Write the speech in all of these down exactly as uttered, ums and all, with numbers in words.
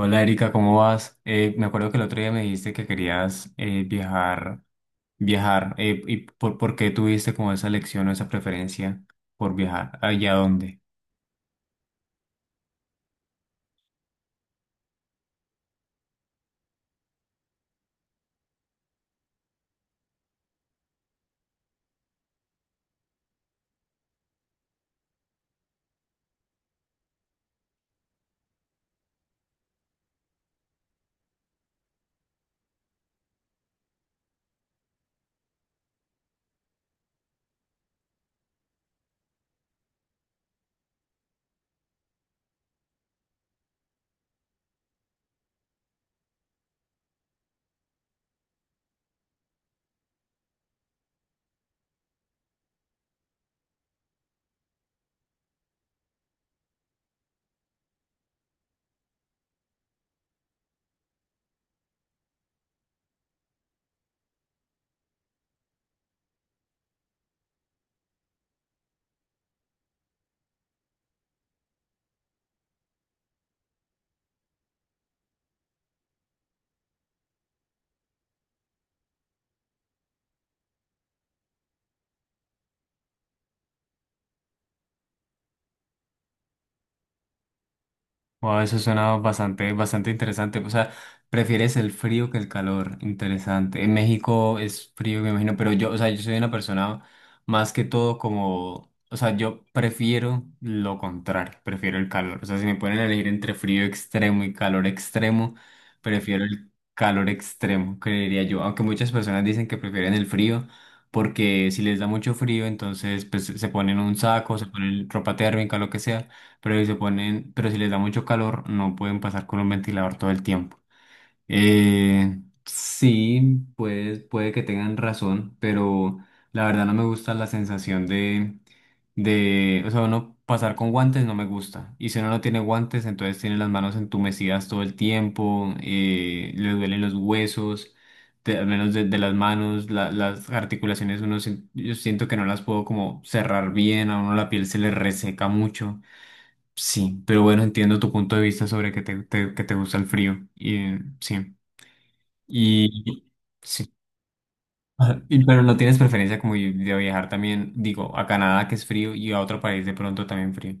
Hola Erika, ¿cómo vas? Eh, me acuerdo que el otro día me dijiste que querías eh, viajar, viajar, eh, ¿y por, por qué tuviste como esa elección o esa preferencia por viajar? ¿Allá dónde? Wow, eso suena bastante, bastante interesante. O sea, prefieres el frío que el calor. Interesante. En México es frío, me imagino, pero yo, o sea, yo soy una persona más que todo como, o sea, yo prefiero lo contrario, prefiero el calor. O sea, si me ponen a elegir entre frío extremo y calor extremo, prefiero el calor extremo, creería yo. Aunque muchas personas dicen que prefieren el frío porque si les da mucho frío, entonces pues se ponen un saco, se ponen ropa térmica, lo que sea, pero si se ponen, pero si les da mucho calor, no pueden pasar con un ventilador todo el tiempo. Eh, sí, pues puede que tengan razón, pero la verdad no me gusta la sensación de, de, o sea, uno pasar con guantes no me gusta. Y si uno no tiene guantes, entonces tiene las manos entumecidas todo el tiempo, eh, le duelen los huesos de- al menos de, de las manos, la- las articulaciones, uno, sien- yo siento que no las puedo como cerrar bien, a uno la piel se le reseca mucho. Sí, pero bueno, entiendo tu punto de vista sobre que te, te- que te gusta el frío. Y, eh, sí, y sí. Ajá. Y- pero no tienes preferencia como de de viajar también, digo, a Canadá que es frío y a otro país de pronto también frío.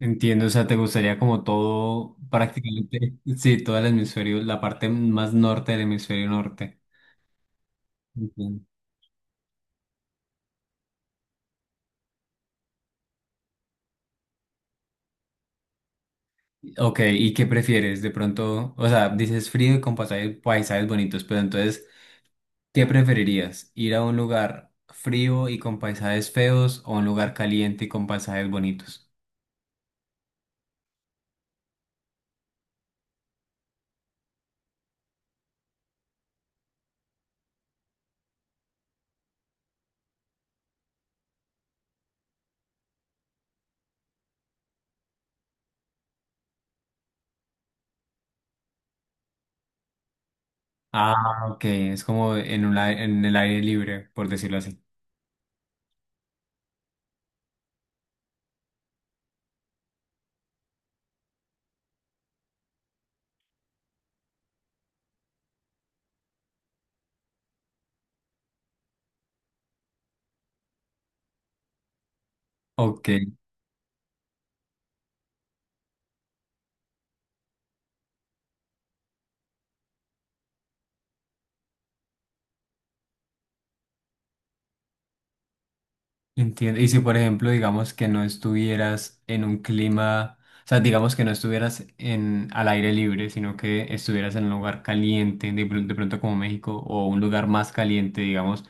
Entiendo, o sea, te gustaría como todo, prácticamente, sí, todo el hemisferio, la parte más norte del hemisferio norte. Entiendo. Ok, ¿y qué prefieres? De pronto, o sea, dices frío y con pasajes- paisajes bonitos, pero entonces... ¿Qué preferirías? ¿Ir a un lugar frío y con paisajes feos o a un lugar caliente y con paisajes bonitos? Ah, ok, es como en un, ai- en el aire libre, por decirlo así. Ok, entiendo. Y si, por ejemplo, digamos que no estuvieras en un clima, o sea, digamos que no estuvieras en, al aire libre, sino que estuvieras en un lugar caliente, de, pr- de pronto como México, o un lugar más caliente, digamos,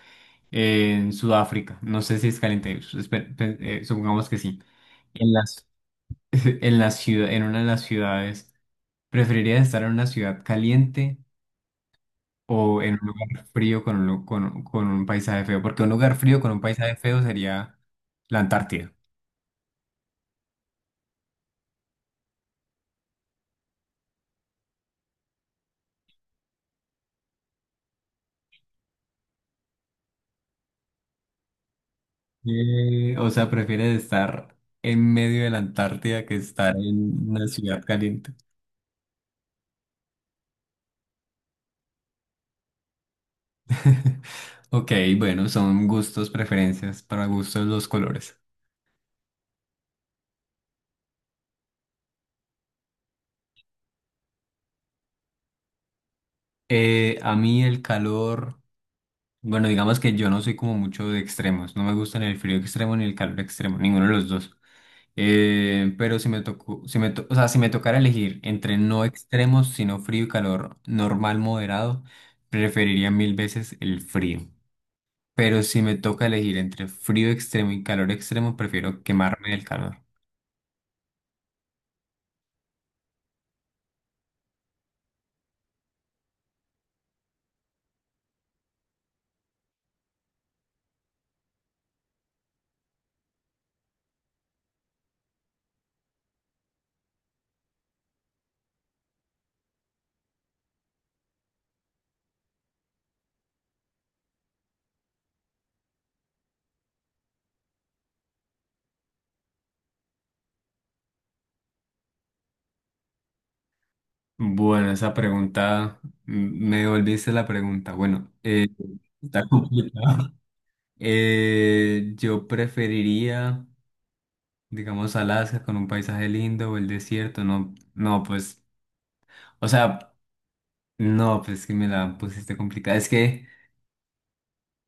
en Sudáfrica. No sé si es caliente, espe- pe- eh, supongamos que sí. En las En la ciudad, en una de las ciudades, ¿preferirías estar en una ciudad caliente o en un lugar frío con un, lu- con, con un paisaje feo? Porque un lugar frío con un paisaje feo sería la Antártida. Eh, o sea, prefieres estar en medio de la Antártida que estar en una ciudad caliente. Ok, bueno, son gustos, preferencias, para gustos los colores. Eh, a mí el calor. Bueno, digamos que yo no soy como mucho de extremos. No me gusta ni el frío extremo ni el calor extremo, ninguno de los dos. Eh, pero si me tocó, si me to- o sea, si me tocara elegir entre no extremos, sino frío y calor normal moderado, preferiría mil veces el frío. Pero si me toca elegir entre frío extremo y calor extremo, prefiero quemarme del calor. Bueno, esa pregunta, mm, me devolviste la pregunta. Bueno, eh, está complicado. Eh, yo preferiría, digamos, Alaska con un paisaje lindo o el desierto, no, no, pues, o sea, no, pues que me la pusiste complicada. Es que,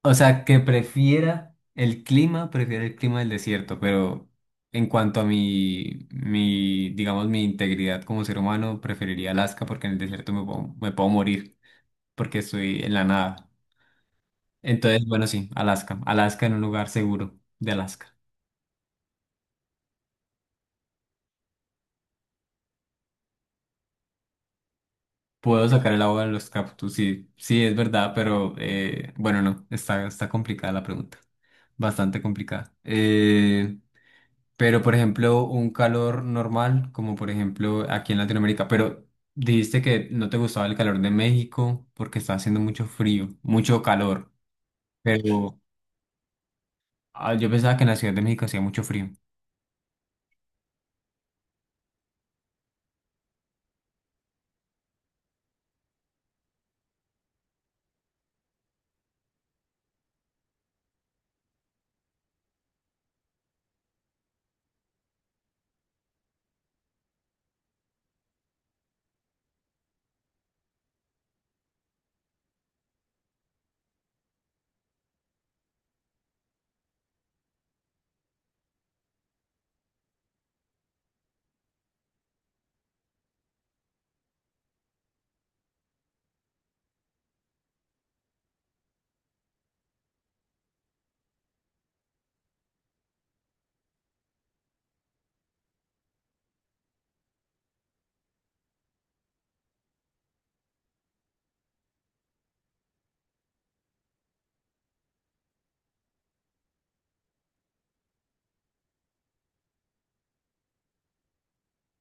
o sea, que prefiera el clima, prefiera el clima del desierto, pero en cuanto a mi, mi, digamos, mi integridad como ser humano, preferiría Alaska porque en el desierto me puedo, me puedo morir, porque estoy en la nada. Entonces, bueno, sí, Alaska, Alaska en un lugar seguro de Alaska. Puedo sacar el agua de los cactus, sí, sí, es verdad, pero eh, bueno, no, está, está complicada la pregunta, bastante complicada. Eh, pero, por ejemplo, un calor normal, como por ejemplo aquí en Latinoamérica, pero dijiste que no te gustaba el calor de México porque está haciendo mucho frío, mucho calor, pero ah, yo pensaba que en la Ciudad de México hacía mucho frío.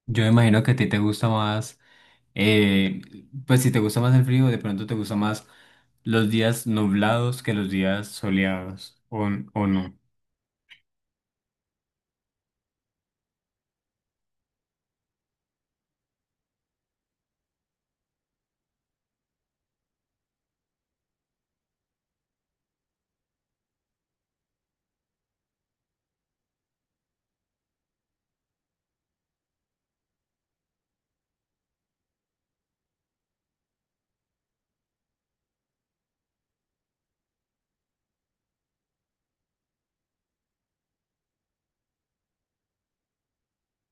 Yo me imagino que a ti te gusta más, eh, pues si te gusta más el frío, de pronto te gusta más los días nublados que los días soleados, o, o no,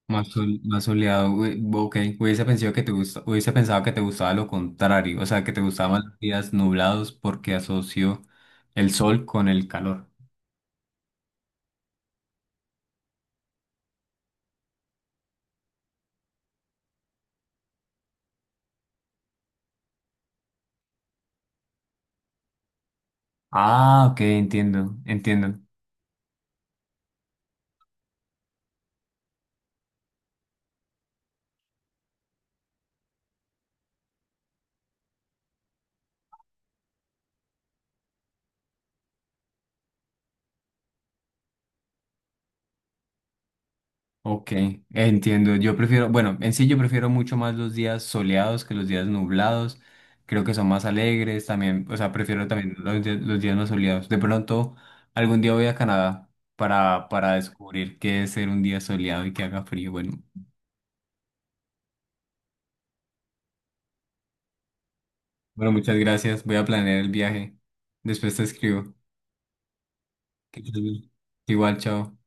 más, sol- más soleado. Ue- ok, hubiese pensado que te gusta, hubiese pensado que te gustaba lo contrario, o sea, que te gustaban más los días nublados porque asocio el sol con el calor. Ah, ok, entiendo, entiendo. Ok, entiendo. Yo prefiero, bueno, en sí yo prefiero mucho más los días soleados que los días nublados. Creo que son más alegres también, o sea, prefiero también los, di- los días no soleados. De pronto, algún día voy a Canadá para, para descubrir qué es ser un día soleado y que haga frío. Bueno, bueno, muchas gracias. Voy a planear el viaje. Después te escribo. Que estés bien. Igual, chao.